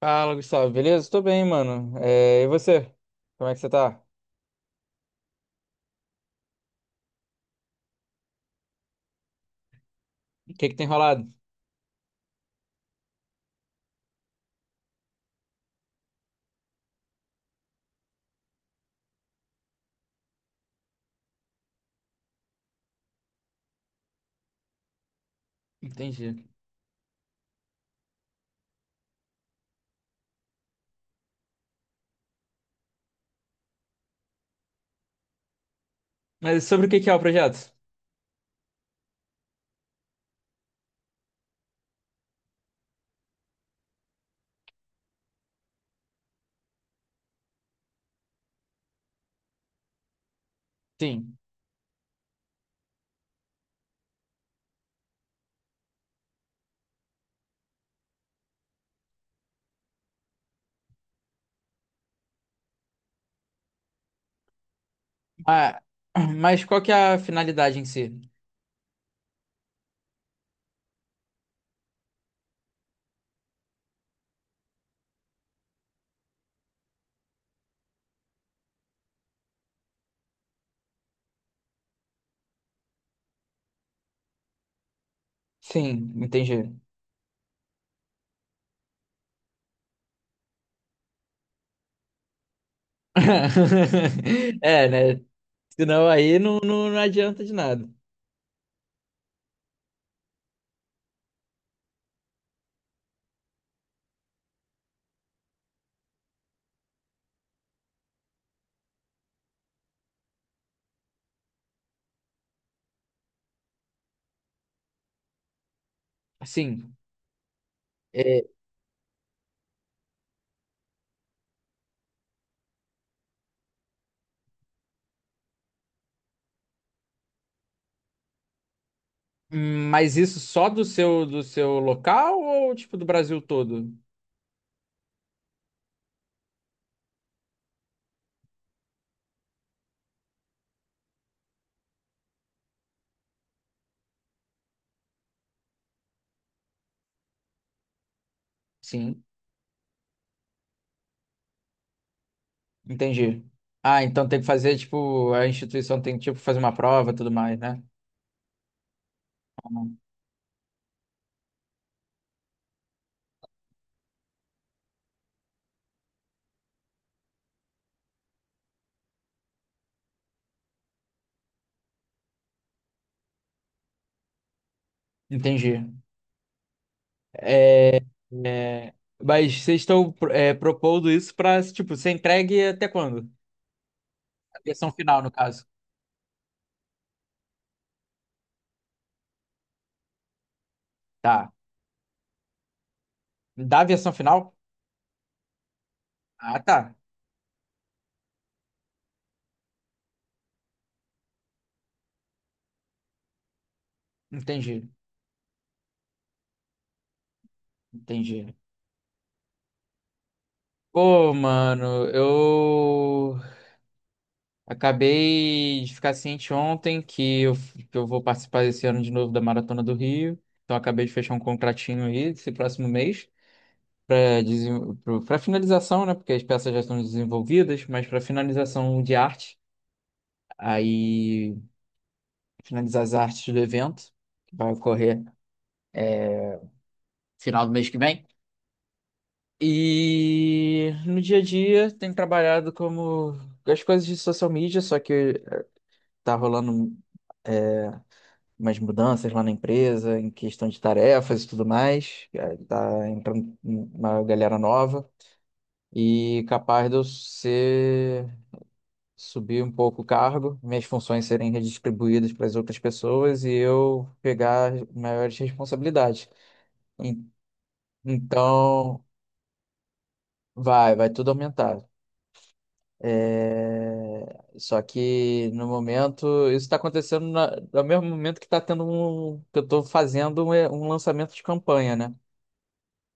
Fala, Gustavo, beleza? Tô bem, mano. E você? Como é que você tá? O que que tem rolado? Entendi. Mas sobre o que que é o projeto? Sim. Ah, mas qual que é a finalidade em si? Sim, entendi. É, né? Senão aí não adianta de nada. Sim. É, mas isso só do seu local ou tipo do Brasil todo? Sim, entendi. Ah, então tem que fazer, tipo, a instituição tem que, tipo, fazer uma prova e tudo mais, né? Entendi. É, mas vocês estão propondo isso para, tipo, ser entregue até quando? A versão final, no caso. Tá. Da versão final? Ah, tá. Entendi. Entendi. Pô, mano, eu acabei de ficar ciente ontem que eu vou participar esse ano de novo da Maratona do Rio. Então, acabei de fechar um contratinho aí, esse próximo mês, para para finalização, né? Porque as peças já estão desenvolvidas, mas para finalização de arte. Aí finalizar as artes do evento, que vai ocorrer, é, final do mês que vem. E no dia a dia tenho trabalhado como as coisas de social media, só que tá rolando, é, umas mudanças lá na empresa, em questão de tarefas e tudo mais. Tá entrando uma galera nova e capaz de eu ser subir um pouco o cargo, minhas funções serem redistribuídas para as outras pessoas e eu pegar maiores responsabilidades. En- Então, vai tudo aumentar. Só que no momento, isso está acontecendo no mesmo momento que está tendo que eu estou fazendo um lançamento de campanha, né?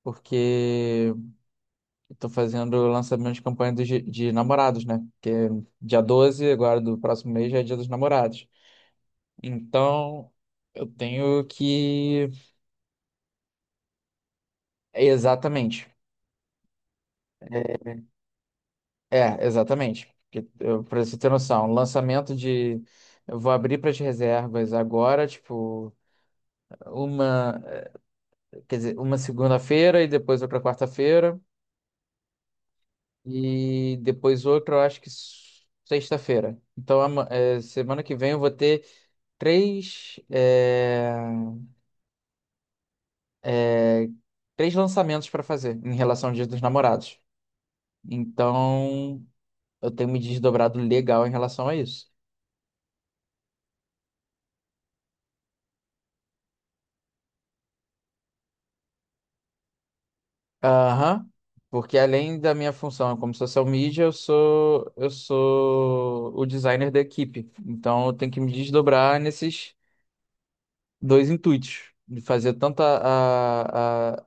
Porque estou fazendo o lançamento de campanha dos de namorados, né? Porque dia 12 agora do próximo mês, já é Dia dos Namorados. Então, eu tenho que. Exatamente. Exatamente. Porque pra você ter noção, um lançamento de. Eu vou abrir para as reservas agora, tipo, uma, quer dizer, uma segunda-feira e depois outra quarta-feira e depois outra, eu acho que sexta-feira. Então, semana que vem eu vou ter três, eh, eh, três lançamentos para fazer em relação ao Dia dos Namorados. Então, eu tenho me desdobrado legal em relação a isso. Aham. Porque além da minha função como social media, eu sou o designer da equipe. Então eu tenho que me desdobrar nesses dois intuitos, de fazer tanto a, a-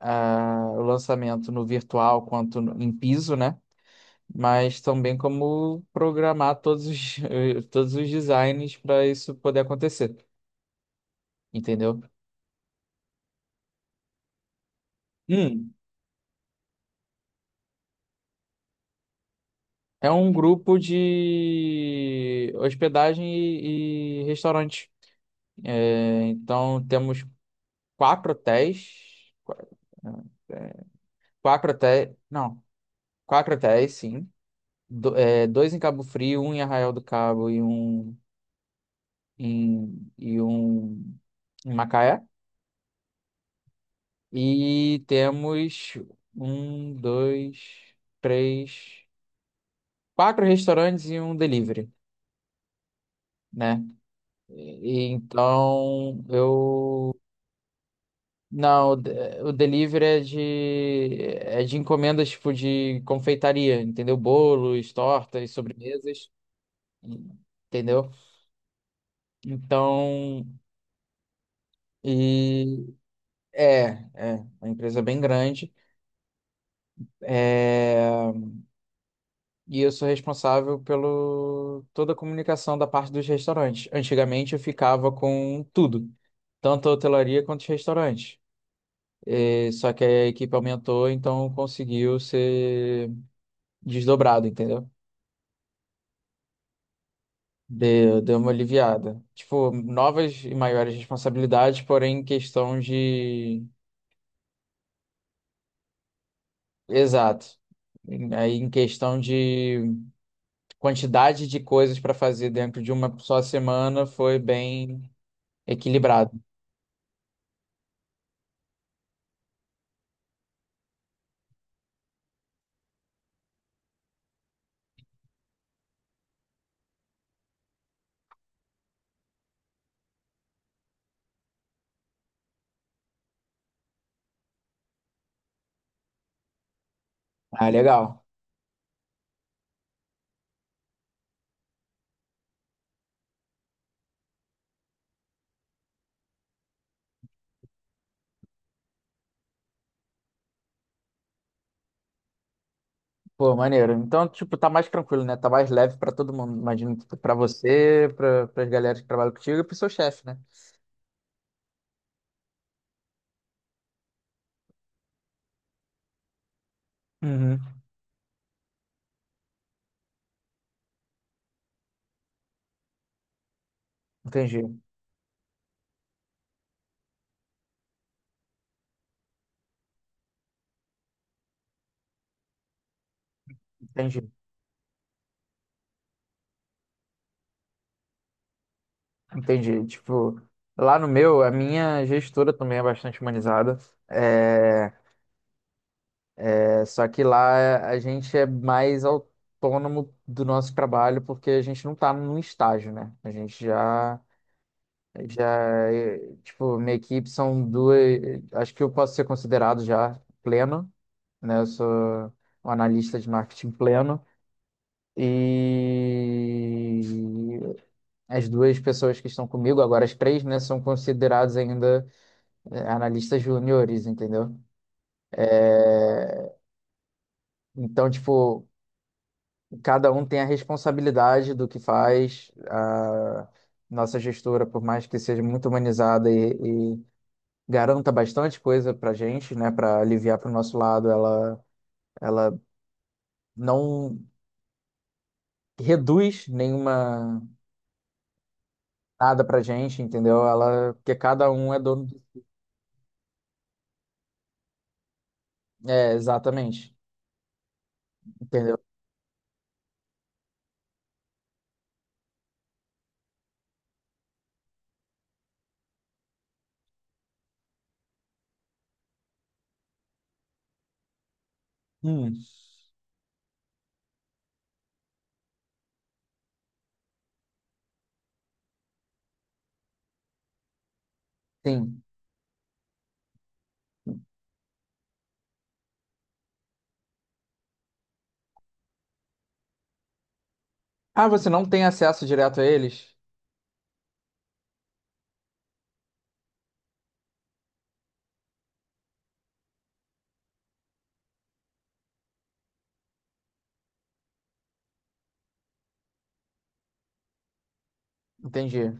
o lançamento no virtual quanto em piso, né? Mas também como programar todos os, todos os designs para isso poder acontecer, entendeu? É um grupo de hospedagem e restaurante. Então temos quatro hotéis. É, Quatro hotéis. Não, quatro hotéis, sim. Dois em Cabo Frio, um em Arraial do Cabo e um em, e um em Macaé. E temos um, dois, três, quatro restaurantes e um delivery, né? E então eu não, o delivery é de encomendas tipo de confeitaria, entendeu? Bolos, tortas, sobremesas, entendeu? Então, e é, é uma empresa bem grande. É, e eu sou responsável pelo toda a comunicação da parte dos restaurantes. Antigamente eu ficava com tudo, tanto a hotelaria quanto os restaurantes. Só que a equipe aumentou, então conseguiu ser desdobrado, entendeu? Deu uma aliviada. Tipo, novas e maiores responsabilidades, porém em questão de. Exato. Aí em questão de quantidade de coisas para fazer dentro de uma só semana foi bem equilibrado. Ah, legal. Pô, maneiro. Então, tipo, tá mais tranquilo, né? Tá mais leve para todo mundo. Imagino que pra você, para as galera que trabalham contigo e pro seu chefe, né? Uhum. Entendi, entendi. Entendi. Tipo, lá no meu, a minha gestora também é bastante humanizada. É, Só que lá a gente é mais autônomo do nosso trabalho porque a gente não está num estágio, né? A gente já, é, tipo, minha equipe são duas. Acho que eu posso ser considerado já pleno, né? Eu sou um analista de marketing pleno. E as duas pessoas que estão comigo, agora as três, né, são consideradas ainda, analistas júniores, entendeu? Então, tipo, cada um tem a responsabilidade do que faz. A nossa gestora, por mais que seja muito humanizada e garanta bastante coisa pra gente, né, para aliviar pro nosso lado, ela não reduz nenhuma nada pra gente, entendeu? Ela, porque cada um é dono. Exatamente, entendeu? Hum, sim. Ah, você não tem acesso direto a eles? Entendi.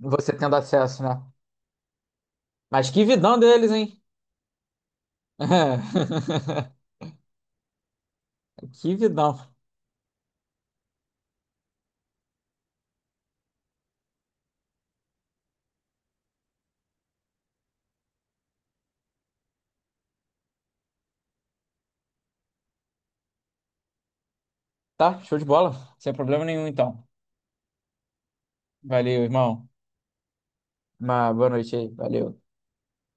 Você tendo acesso, né? Mas que vidão deles, hein? Que vidão. Tá, show de bola. Sem problema nenhum, então. Valeu, irmão. Uma boa noite aí. Valeu.